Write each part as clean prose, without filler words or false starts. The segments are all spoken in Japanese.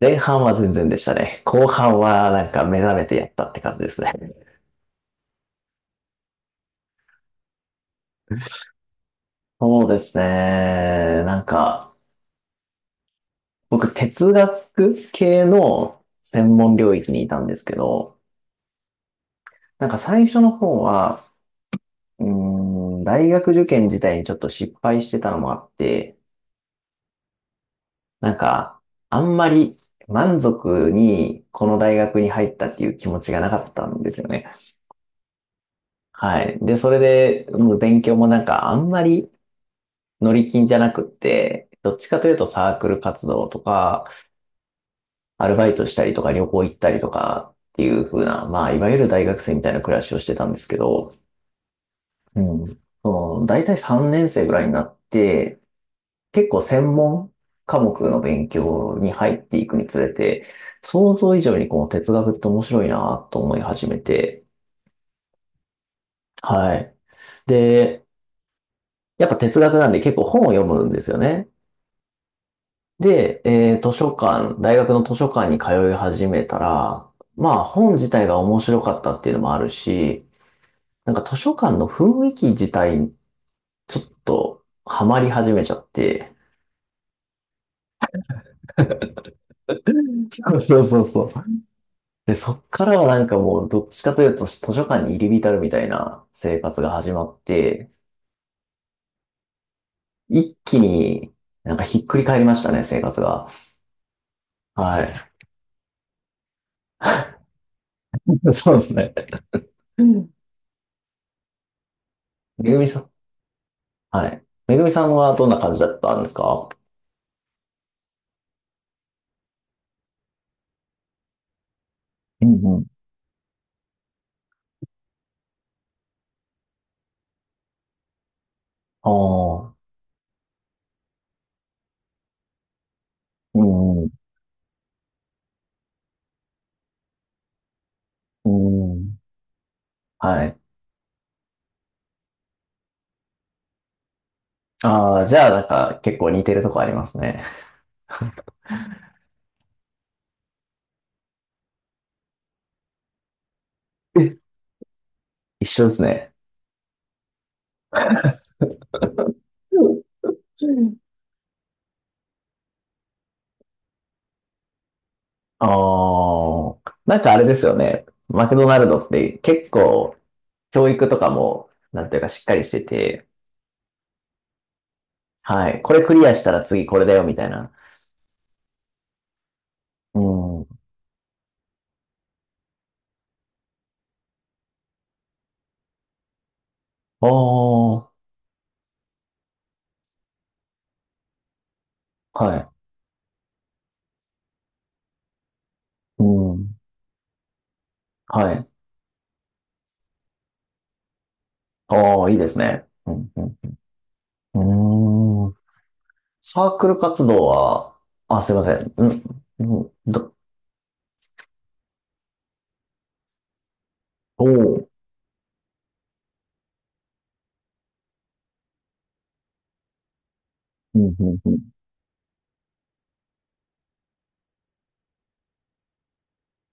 前半は全然でしたね。後半は目覚めてやったって感じですね。そうですね。僕哲学系の専門領域にいたんですけど、最初の方は、大学受験自体にちょっと失敗してたのもあって、なんか、あんまり満足にこの大学に入ったっていう気持ちがなかったんですよね。はい。で、それで、もう勉強もなんかあんまり乗り金じゃなくって、どっちかというとサークル活動とか、アルバイトしたりとか旅行行ったりとかっていう風な、まあ、いわゆる大学生みたいな暮らしをしてたんですけど、うん。その、大体3年生ぐらいになって、結構専門科目の勉強に入っていくにつれて、想像以上にこの哲学って面白いなと思い始めて、はい。で、やっぱ哲学なんで結構本を読むんですよね。で、図書館、大学の図書館に通い始めたら、まあ本自体が面白かったっていうのもあるし、なんか図書館の雰囲気自体にちょっとハマり始めちゃって。そうそうそうそう。で、そっからはなんかもうどっちかというと図書館に入り浸るみたいな生活が始まって、一気になんかひっくり返りましたね、生活が。はい。そうですね。めぐみさん、はい。めぐみさんはどんな感じだったんですか？うん。ああ、うん、うん、はい。ああ、じゃあ、なんか、結構似てるとこありますね。え、一緒ですね。うんうん。ああ、なんかあれですよね。マクドナルドって結構、教育とかも、なんていうか、しっかりしてて、はい。これクリアしたら次これだよ、みたいな。うん。ああ、はい。うん。はい。ああ、いいですね。うん、うん。うーん。サークル活動は、あ、すいません。うん。うんど、おお、うん、うん、うん。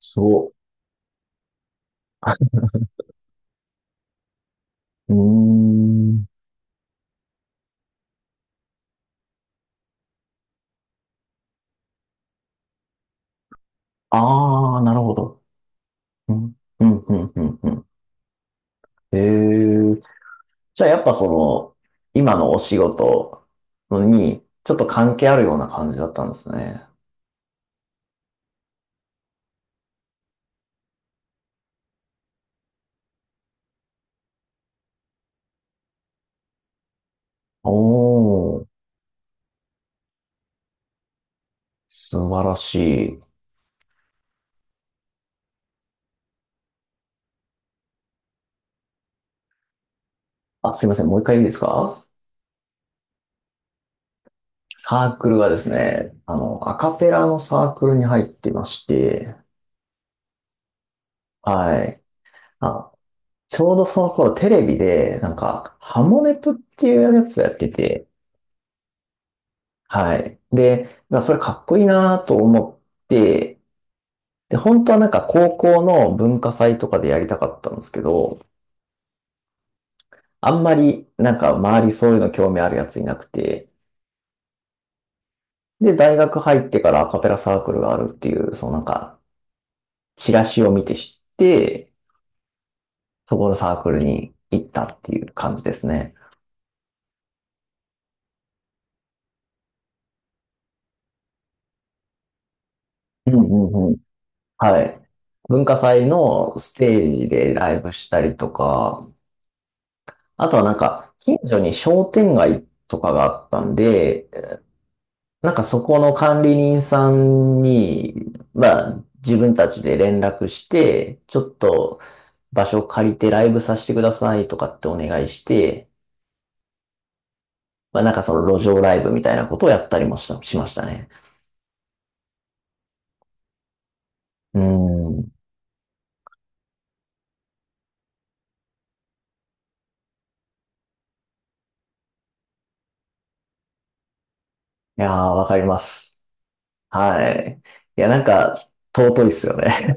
そう。うーん。ああ、なるほど。うん、うん、うん、うん、うん。へえ。じゃあやっぱその、今のお仕事に、ちょっと関係あるような感じだったんですね。おお、素晴らしい。あ、すいません、もう一回いいですか？サークルがですね、あの、アカペラのサークルに入っていまして、はい。あ、ちょうどその頃テレビで、なんか、ハモネプっていうやつをやってて、はい。で、まあ、それかっこいいなと思って、で、本当はなんか高校の文化祭とかでやりたかったんですけど、あんまりなんか周りそういうの興味あるやついなくて、で、大学入ってからアカペラサークルがあるっていう、そのなんか、チラシを見て知って、そこのサークルに行ったっていう感じですね。うんうんうん。はい。文化祭のステージでライブしたりとか、あとはなんか、近所に商店街とかがあったんで、なんかそこの管理人さんに、まあ、自分たちで連絡して、ちょっと場所借りてライブさせてくださいとかってお願いして、まあなんかその路上ライブみたいなことをやったりもしましたね。うん。いやー、わかります。はい。いや、なんか、尊いっすよね。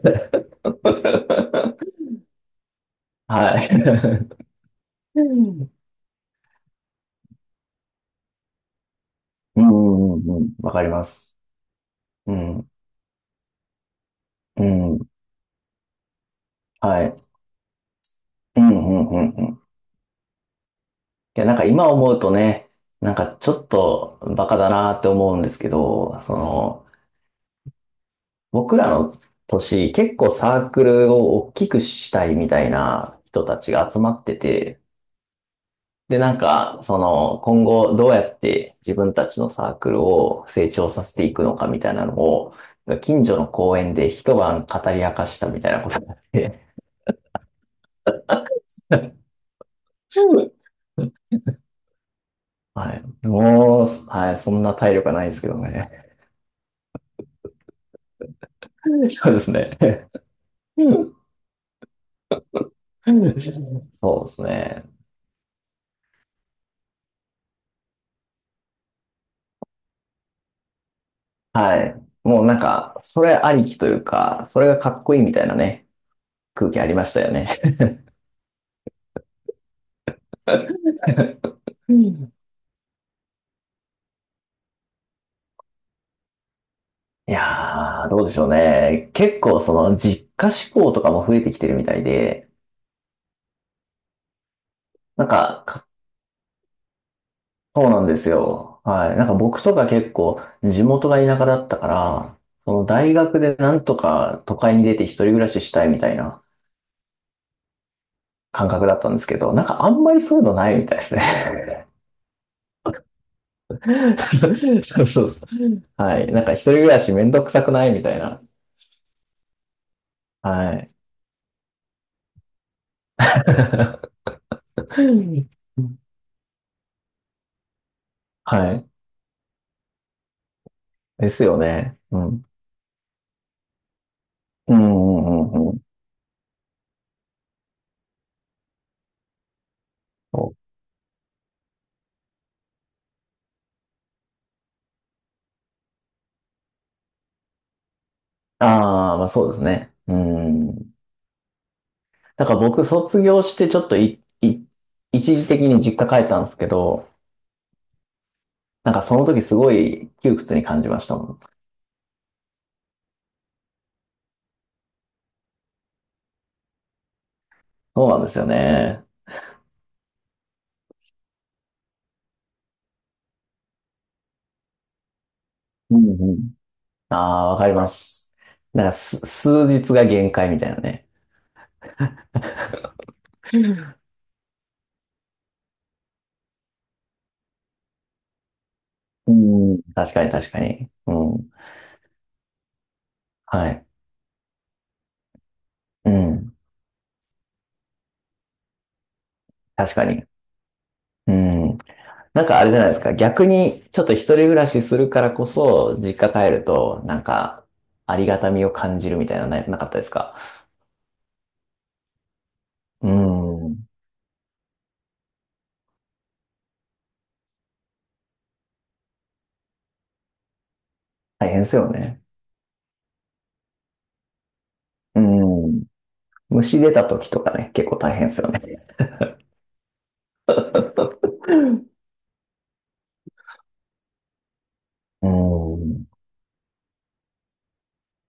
はい。うんうんうんうん。わかります。うん。うん。はい。うん、うん、うん、うん。いや、なんか今思うとね、なんかちょっとバカだなって思うんですけど、その、僕らの年、結構サークルを大きくしたいみたいな人たちが集まってて、で、なんか、その、今後どうやって自分たちのサークルを成長させていくのかみたいなのを、近所の公園で一晩語り明かしたみたいなことがあって、はい。もう、はい、そんな体力はないですけどね。そうですね。そうですね。はい。もうなんか、それありきというか、それがかっこいいみたいなね、空気ありましたよね。うん。いやー、どうでしょうね。結構その実家志向とかも増えてきてるみたいで、なんか、かそうなんですよ。はい。なんか僕とか結構地元が田舎だったから、その大学でなんとか都会に出て一人暮らししたいみたいな感覚だったんですけど、なんかあんまりそういうのないみたいですね。そうそうそう。はい。なんか一人暮らしめんどくさくないみたいな。はい。はい。ですよね。うん。うんうんうんうん。そう。ああ、まあそうですね。うん。だから僕卒業してちょっとい、い、一時的に実家帰ったんですけど、なんかその時すごい窮屈に感じましたもん。そうなんですよね。うんうん。ああ、わかります。数日が限界みたいなね。うん。確かに確かに。うん。はい。うん。確かに。うん。なんかあれじゃないですか。逆に、ちょっと一人暮らしするからこそ、実家帰ると、なんか、ありがたみを感じるみたいなのな、なかったですか？うん。大変ですよね。うん。虫出た時とかね、結構大変ですよね。うん。